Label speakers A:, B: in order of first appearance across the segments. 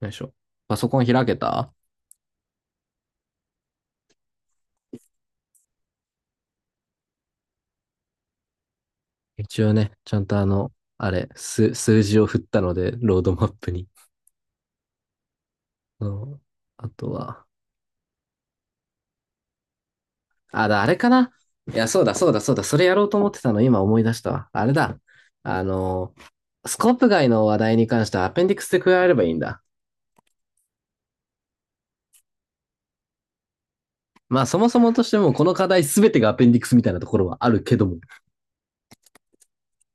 A: よいしょ。パソコン開けた。一応ね、ちゃんとあれ、数、数字を振ったので、ロードマップに。あのあとは、あれかな。いや、そうだ、そうだ、そうだ、それやろうと思ってたの、今思い出したわ。あれだ。あの、スコープ外の話題に関してはアペンディクスで加えればいいんだ。まあ、そもそもとしても、この課題すべてがアペンディクスみたいなところはあるけども、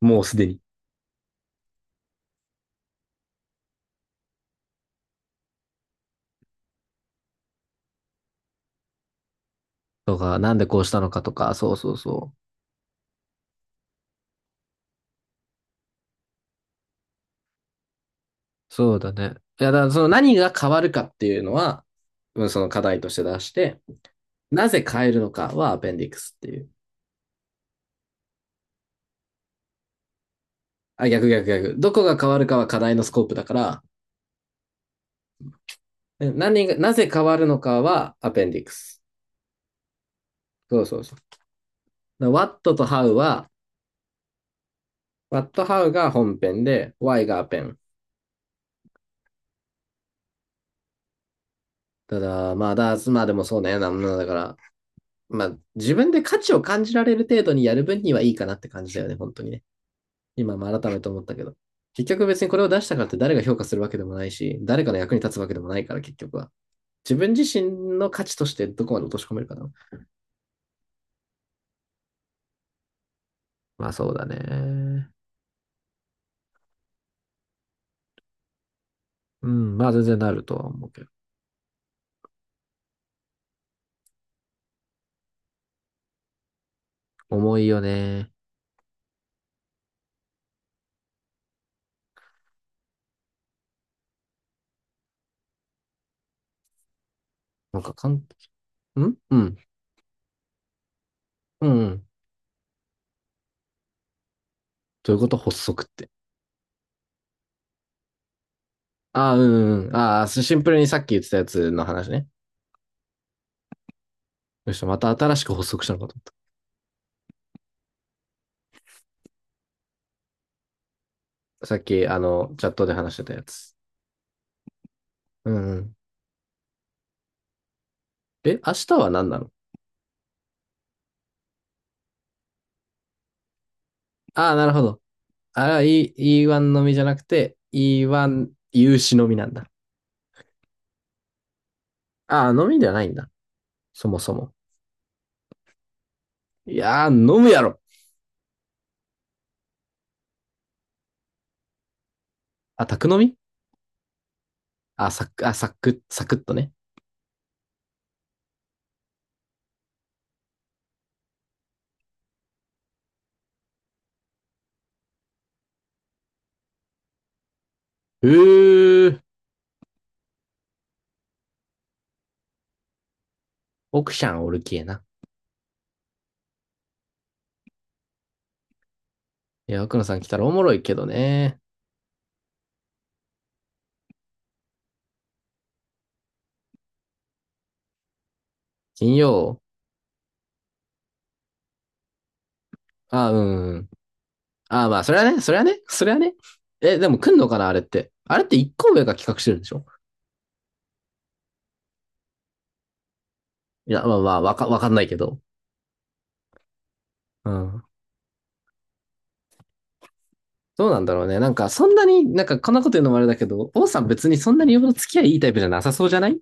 A: もうすでに。とか、なんでこうしたのかとか、そうそうそう。そうだね。いや、だからその何が変わるかっていうのは、うん、その課題として出して、なぜ変えるのかはアペンディクスっていう。あ、逆逆逆。どこが変わるかは課題のスコープだから、うん、なぜ変わるのかはアペンディクス。そうそうそう。What how が本編で、why がアペン。ただ、まあ、まあでもそうね。なだから、まあ、自分で価値を感じられる程度にやる分にはいいかなって感じだよね、本当にね。今も改めて思ったけど。結局別にこれを出したからって誰が評価するわけでもないし、誰かの役に立つわけでもないから、結局は。自分自身の価値としてどこまで落とし込めるかな。まあそうだね。うん、まあ全然なるとは思うけど。重いよね。なんかかん、んうん、うん、うん。どういうこと発足って。ああ、うん、うん。ああ、シンプルにさっき言ってたやつの話ね。よし、また新しく発足したのかと思った。さっき、チャットで話してたやつ。うん、うん。え、明日は何なの？ああ、なるほど。ああ、1のみじゃなくて、E1 有志のみなんだ。ああ、飲みではないんだ。そもそも。いやー、飲むやろ。あ、宅飲み。あ、サク、あ、サク、サクッとね。うー、奥さんおるきえな。いや、奥野さん来たらおもろいけどね。金曜。あ、うん。あ、まあ、それはね、それはね、それはね。え、でも来んのかな、あれって。あれって一個上が企画してるんでしょ？いや、まあまあ、わかんないけど。うん。どうなんだろうね。なんか、そんなに、なんか、こんなこと言うのもあれだけど、王さん別にそんなによほど付き合いいいタイプじゃなさそうじゃない？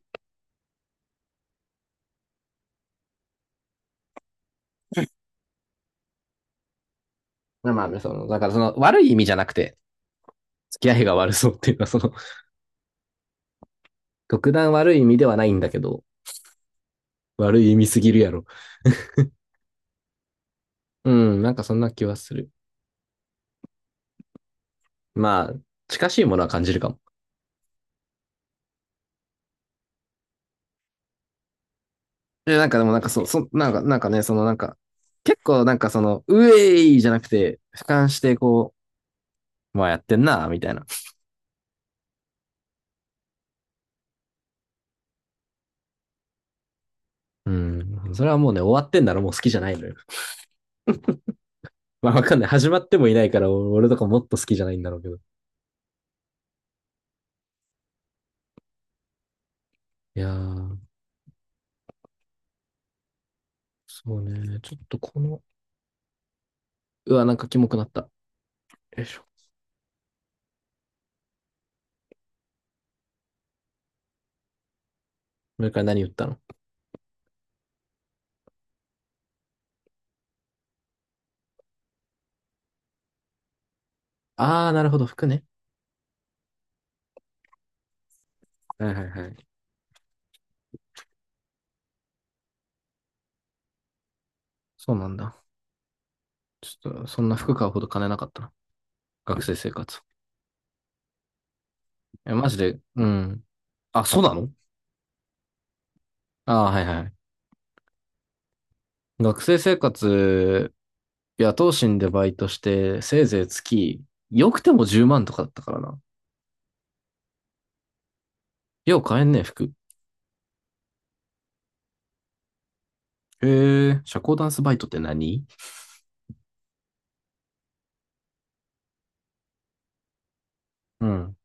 A: まあまあね、その、だからその、悪い意味じゃなくて、付き合いが悪そうっていうか、その、特段悪い意味ではないんだけど、悪い意味すぎるやろ。うん、なんかそんな気はする。まあ、近しいものは感じるかも。で、なんかでもなんかそう、なんか、なんかね、そのなんか、結構なんかその、うえいじゃなくて、俯瞰してこう、まあやってんな、みたいな。うん、それはもうね、終わってんだろ、もう好きじゃないのよ。まあわかんない。始まってもいないから、俺とかもっと好きじゃないんだろうけど。いやー、そうね。ちょっとこの、うわ、なんかキモくなった。よいしょ。これから何言ったの？あー、なるほど、服ね。はいはいはい。そうなんだ。ちょっと、そんな服買うほど金なかったな。学生生活。え、マジで、うん。あ、そうなの？あー、はいはい。学生生活、野党心でバイトして、せいぜい月、よくても10万とかだったからな。よう買えんね、服。へえ、社交ダンスバイトって何？うん。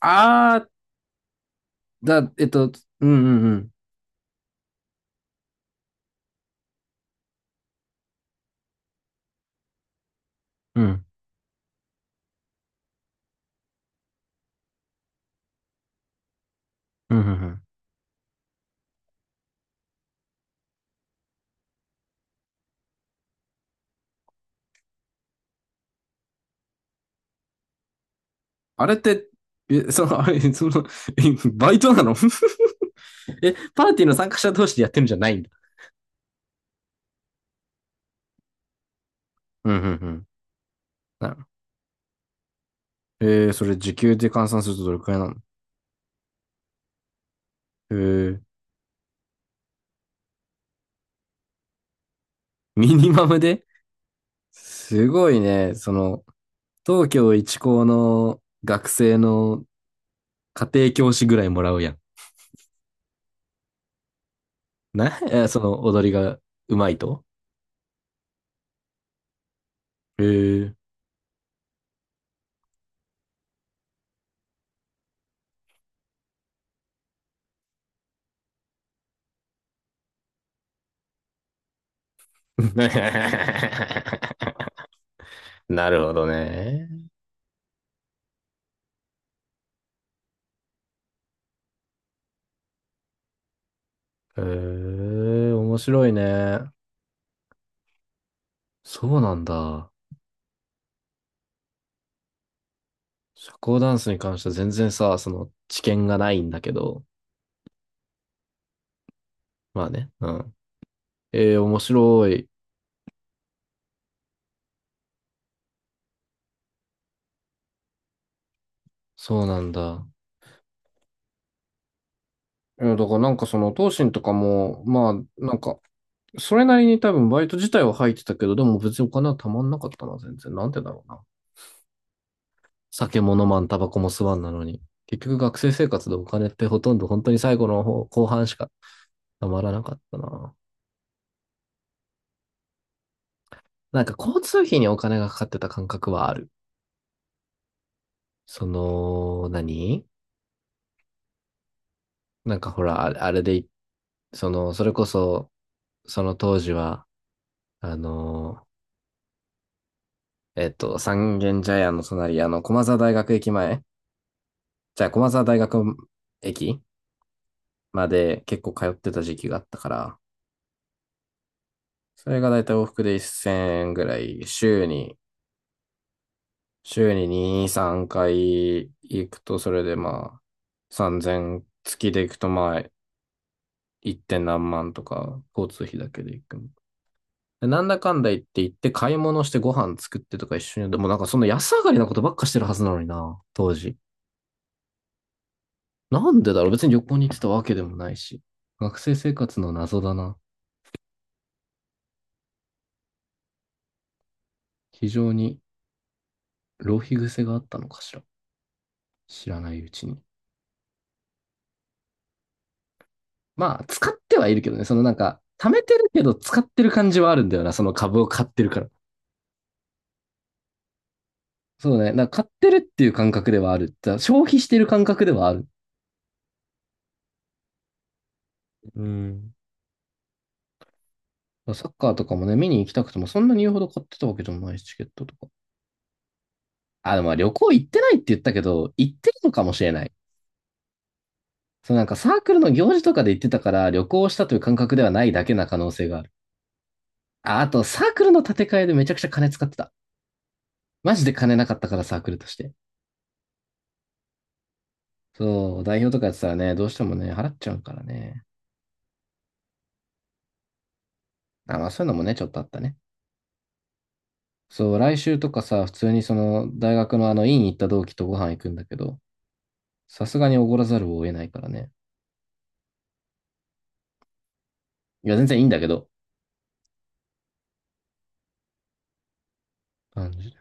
A: あー、だ、えっと、うんうんうん。うん。うんうんうん。あれって、え、その、あれ、その、えバイトなの？ え、パーティーの参加者同士でやってるんじゃないんだ。うんうんうん。なるほど。それ時給で換算するとどれくらいなの？えー、ミニマムで？すごいね。その、東京一高の学生の家庭教師ぐらいもらうやん。な、えーその踊りがうまいと？えー。なるほどね。へえ、面白いね。そうなんだ。社交ダンスに関しては全然さ、その知見がないんだけど。まあね。うん。ええ、面白い。そうなんだ。いやだからなんかその、東進とかも、まあ、なんか、それなりに多分バイト自体は入ってたけど、でも別にお金はたまんなかったな、全然。なんでだろうな。酒も飲まん、タバコも吸わんなのに。結局学生生活でお金ってほとんど本当に最後の方、後半しかたまらなかったな。なんか交通費にお金がかかってた感覚はある。その、何なんかほら、あれでその、それこそ、その当時は、あの三軒茶屋の隣、駒沢大学駅前、じゃあ駒沢大学駅まで結構通ってた時期があったから、それがだいたい往復で1000円ぐらい、週に2、3回行くと、それでまあ、3000、月で行くとまあ、1. 点何万とか、交通費だけで行くの。なんだかんだ言って行って買い物してご飯作ってとか一緒に、でもなんかそんな安上がりなことばっかしてるはずなのにな、当時。なんでだろう？別に旅行に行ってたわけでもないし。学生生活の謎だな。非常に浪費癖があったのかしら。知らないうちに。まあ、使ってはいるけどね。そのなんか、貯めてるけど使ってる感じはあるんだよな。その株を買ってるから。そうね。なんか買ってるっていう感覚ではある。消費してる感覚ではある。うん。サッカーとかもね、見に行きたくても、そんなに言うほど買ってたわけでもないし、チケットとか。あ、でもまあ旅行行ってないって言ったけど、行ってるのかもしれない。そう、なんかサークルの行事とかで行ってたから、旅行したという感覚ではないだけな可能性がある。あ、あと、サークルの建て替えでめちゃくちゃ金使ってた。マジで金なかったからサークルとして。そう、代表とかやってたらね、どうしてもね、払っちゃうからね。あ、まあそういうのもね、ちょっとあったね。そう、来週とかさ、普通にその、大学のあの、院行った同期とご飯行くんだけど、さすがにおごらざるを得ないからね。いや、全然いいんだけど、感じ